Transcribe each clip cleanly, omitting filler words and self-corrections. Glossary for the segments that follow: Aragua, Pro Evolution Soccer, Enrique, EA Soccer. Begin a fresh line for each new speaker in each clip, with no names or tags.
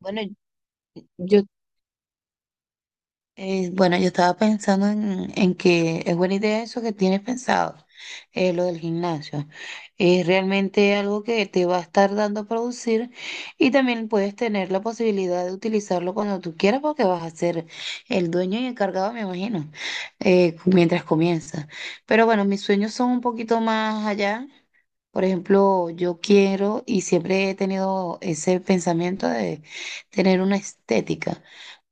Bueno, yo, bueno, yo estaba pensando en que es buena idea eso que tienes pensado, lo del gimnasio. Es realmente algo que te va a estar dando a producir y también puedes tener la posibilidad de utilizarlo cuando tú quieras porque vas a ser el dueño y encargado, me imagino, mientras comienzas. Pero bueno, mis sueños son un poquito más allá. Por ejemplo, yo quiero y siempre he tenido ese pensamiento de tener una estética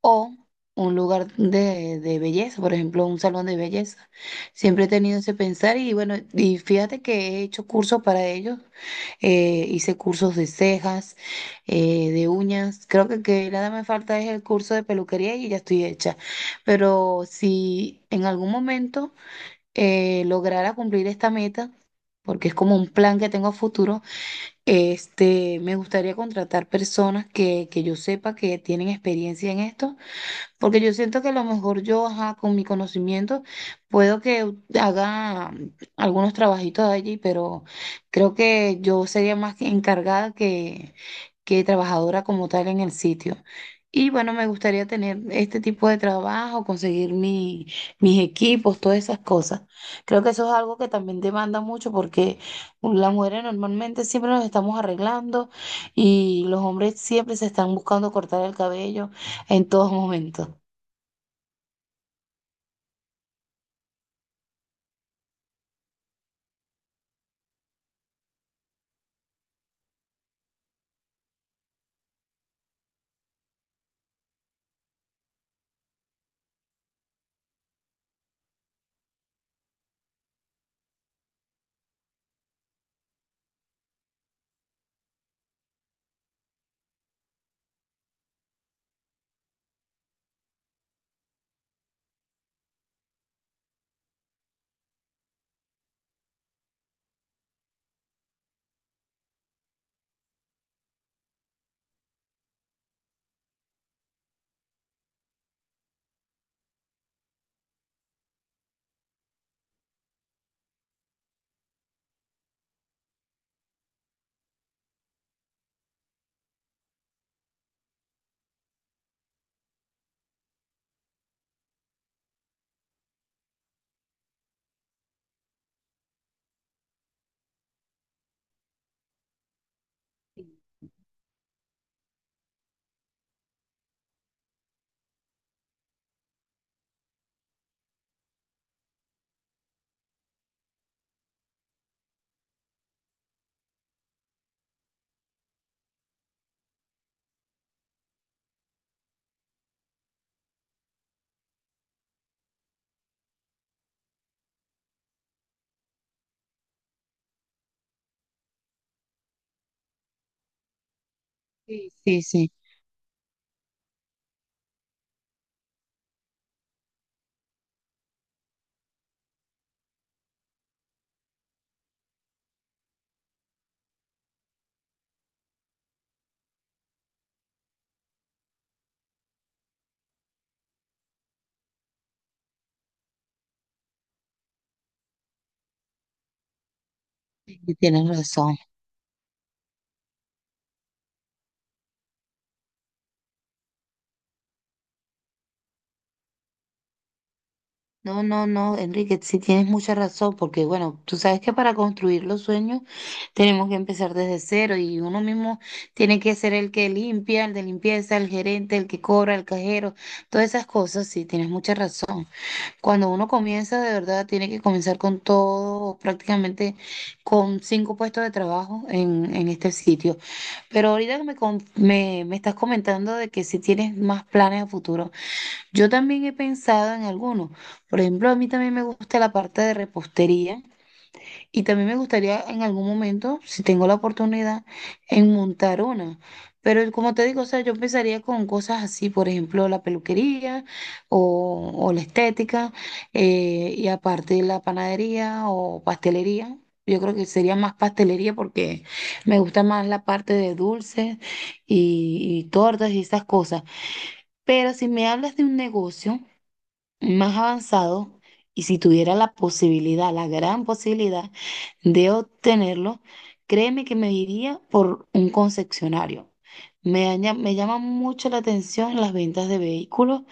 o un lugar de belleza, por ejemplo, un salón de belleza. Siempre he tenido ese pensar y bueno, y fíjate que he hecho cursos para ellos. Hice cursos de cejas, de uñas. Creo que nada me falta es el curso de peluquería y ya estoy hecha. Pero si en algún momento lograra cumplir esta meta, porque es como un plan que tengo a futuro, me gustaría contratar personas que yo sepa que tienen experiencia en esto porque yo siento que a lo mejor yo, ajá, con mi conocimiento, puedo que haga algunos trabajitos allí, pero creo que yo sería más que encargada que trabajadora como tal en el sitio. Y bueno, me gustaría tener este tipo de trabajo, conseguir mi, mis equipos, todas esas cosas. Creo que eso es algo que también demanda mucho porque las mujeres normalmente siempre nos estamos arreglando y los hombres siempre se están buscando cortar el cabello en todos momentos. Sí, sí, sí, sí, tienes razón. No, no, no, Enrique, sí tienes mucha razón, porque bueno, tú sabes que para construir los sueños tenemos que empezar desde cero y uno mismo tiene que ser el que limpia, el de limpieza, el gerente, el que cobra, el cajero, todas esas cosas, sí, tienes mucha razón. Cuando uno comienza, de verdad, tiene que comenzar con todo, prácticamente con 5 puestos de trabajo en este sitio. Pero ahorita que me, me, me estás comentando de que si tienes más planes a futuro. Yo también he pensado en algunos. Por ejemplo, a mí también me gusta la parte de repostería y también me gustaría en algún momento, si tengo la oportunidad, en montar una. Pero como te digo, o sea, yo empezaría con cosas así, por ejemplo, la peluquería o la estética, y aparte la panadería o pastelería. Yo creo que sería más pastelería porque me gusta más la parte de dulces y tortas y esas cosas. Pero si me hablas de un negocio más avanzado y si tuviera la posibilidad, la gran posibilidad de obtenerlo, créeme que me iría por un concesionario. Me llama mucho la atención las ventas de vehículos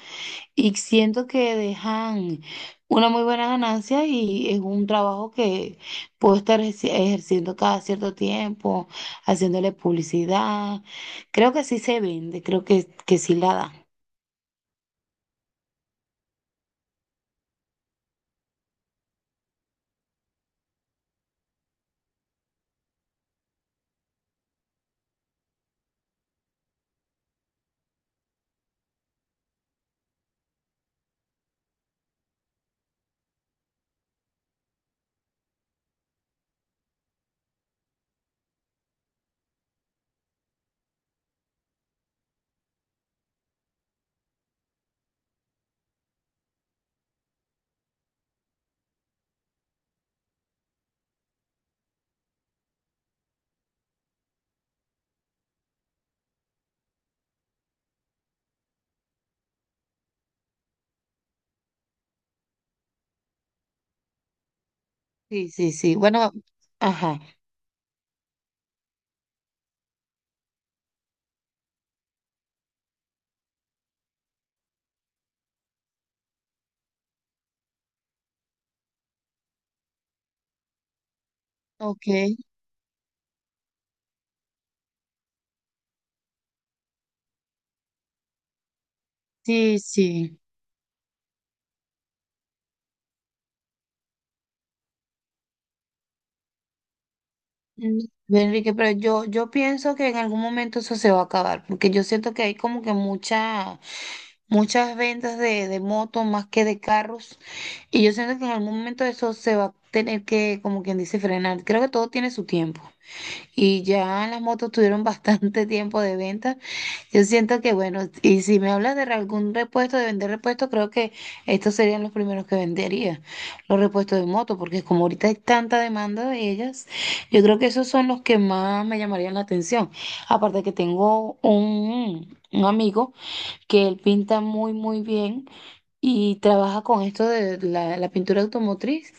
y siento que dejan una muy buena ganancia y es un trabajo que puedo estar ejerciendo cada cierto tiempo, haciéndole publicidad. Creo que sí se vende, creo que sí la da. Sí, sí, sí. Bueno, ajá. Ok. Sí, sí. Mm, Enrique, pero yo pienso que en algún momento eso se va a acabar, porque yo siento que hay como que mucha, muchas ventas de motos más que de carros, y yo siento que en algún momento eso se va a tener que, como quien dice, frenar. Creo que todo tiene su tiempo. Y ya las motos tuvieron bastante tiempo de venta. Yo siento que, bueno, y si me hablas de algún repuesto, de vender repuestos, creo que estos serían los primeros que vendería, los repuestos de moto, porque como ahorita hay tanta demanda de ellas, yo creo que esos son los que más me llamarían la atención. Aparte que tengo un amigo que él pinta muy, muy bien y trabaja con esto de la, la pintura automotriz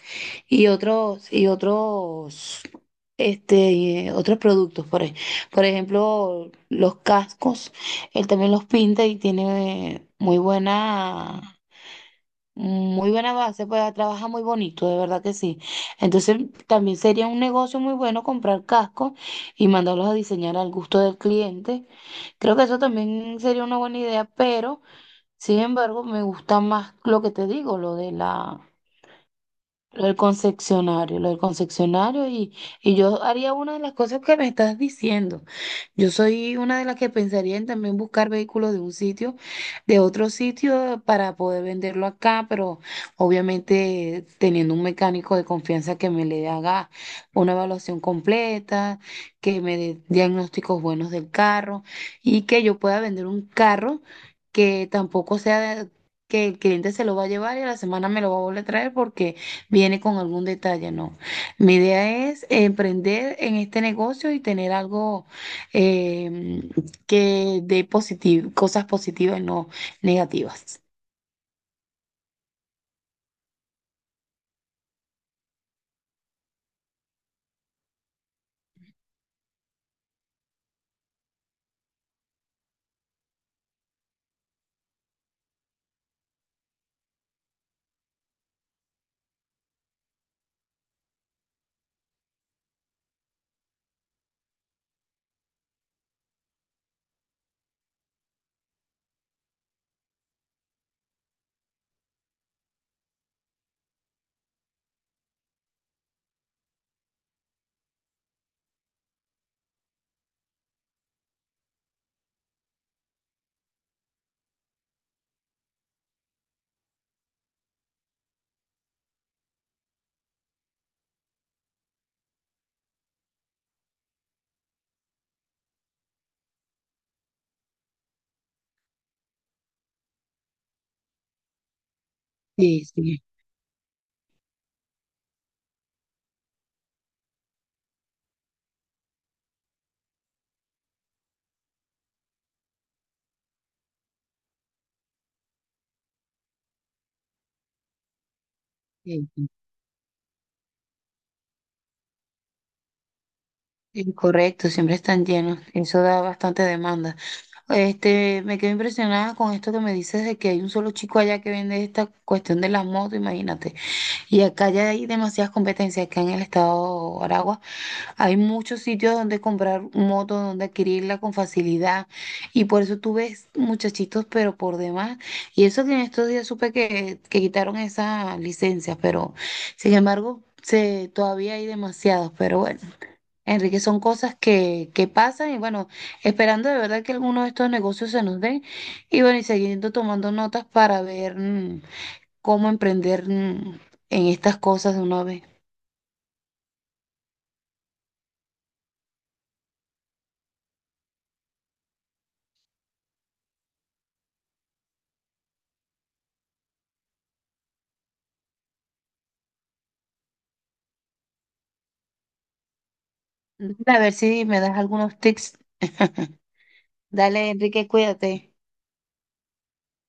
y otros otros productos por ejemplo los cascos, él también los pinta y tiene muy buena, muy buena base, pues trabaja muy bonito, de verdad que sí. Entonces también sería un negocio muy bueno comprar cascos y mandarlos a diseñar al gusto del cliente. Creo que eso también sería una buena idea, pero sin embargo, me gusta más lo que te digo, lo de la, lo del concesionario y yo haría una de las cosas que me estás diciendo. Yo soy una de las que pensaría en también buscar vehículos de un sitio, de otro sitio para poder venderlo acá, pero obviamente teniendo un mecánico de confianza que me le haga una evaluación completa, que me dé diagnósticos buenos del carro y que yo pueda vender un carro que tampoco sea de- que el cliente se lo va a llevar y a la semana me lo va a volver a traer porque viene con algún detalle, no. Mi idea es emprender en este negocio y tener algo em, que dé positivo, cosas positivas, no negativas. Sí, sí, sí, sí. Sí, correcto, siempre están llenos. Eso da bastante demanda. Este, me quedo impresionada con esto que me dices de que hay un solo chico allá que vende esta cuestión de las motos, imagínate. Y acá ya hay demasiadas competencias, acá en el estado de Aragua hay muchos sitios donde comprar moto, donde adquirirla con facilidad y por eso tú ves muchachitos, pero por demás. Y eso que en estos días supe que quitaron esas licencias, pero sin embargo se, todavía hay demasiados, pero bueno. Enrique, son cosas que pasan y bueno, esperando de verdad que alguno de estos negocios se nos den y bueno, y siguiendo tomando notas para ver cómo emprender en estas cosas de una vez. Dale, a ver si me das algunos tips. Dale, Enrique, cuídate.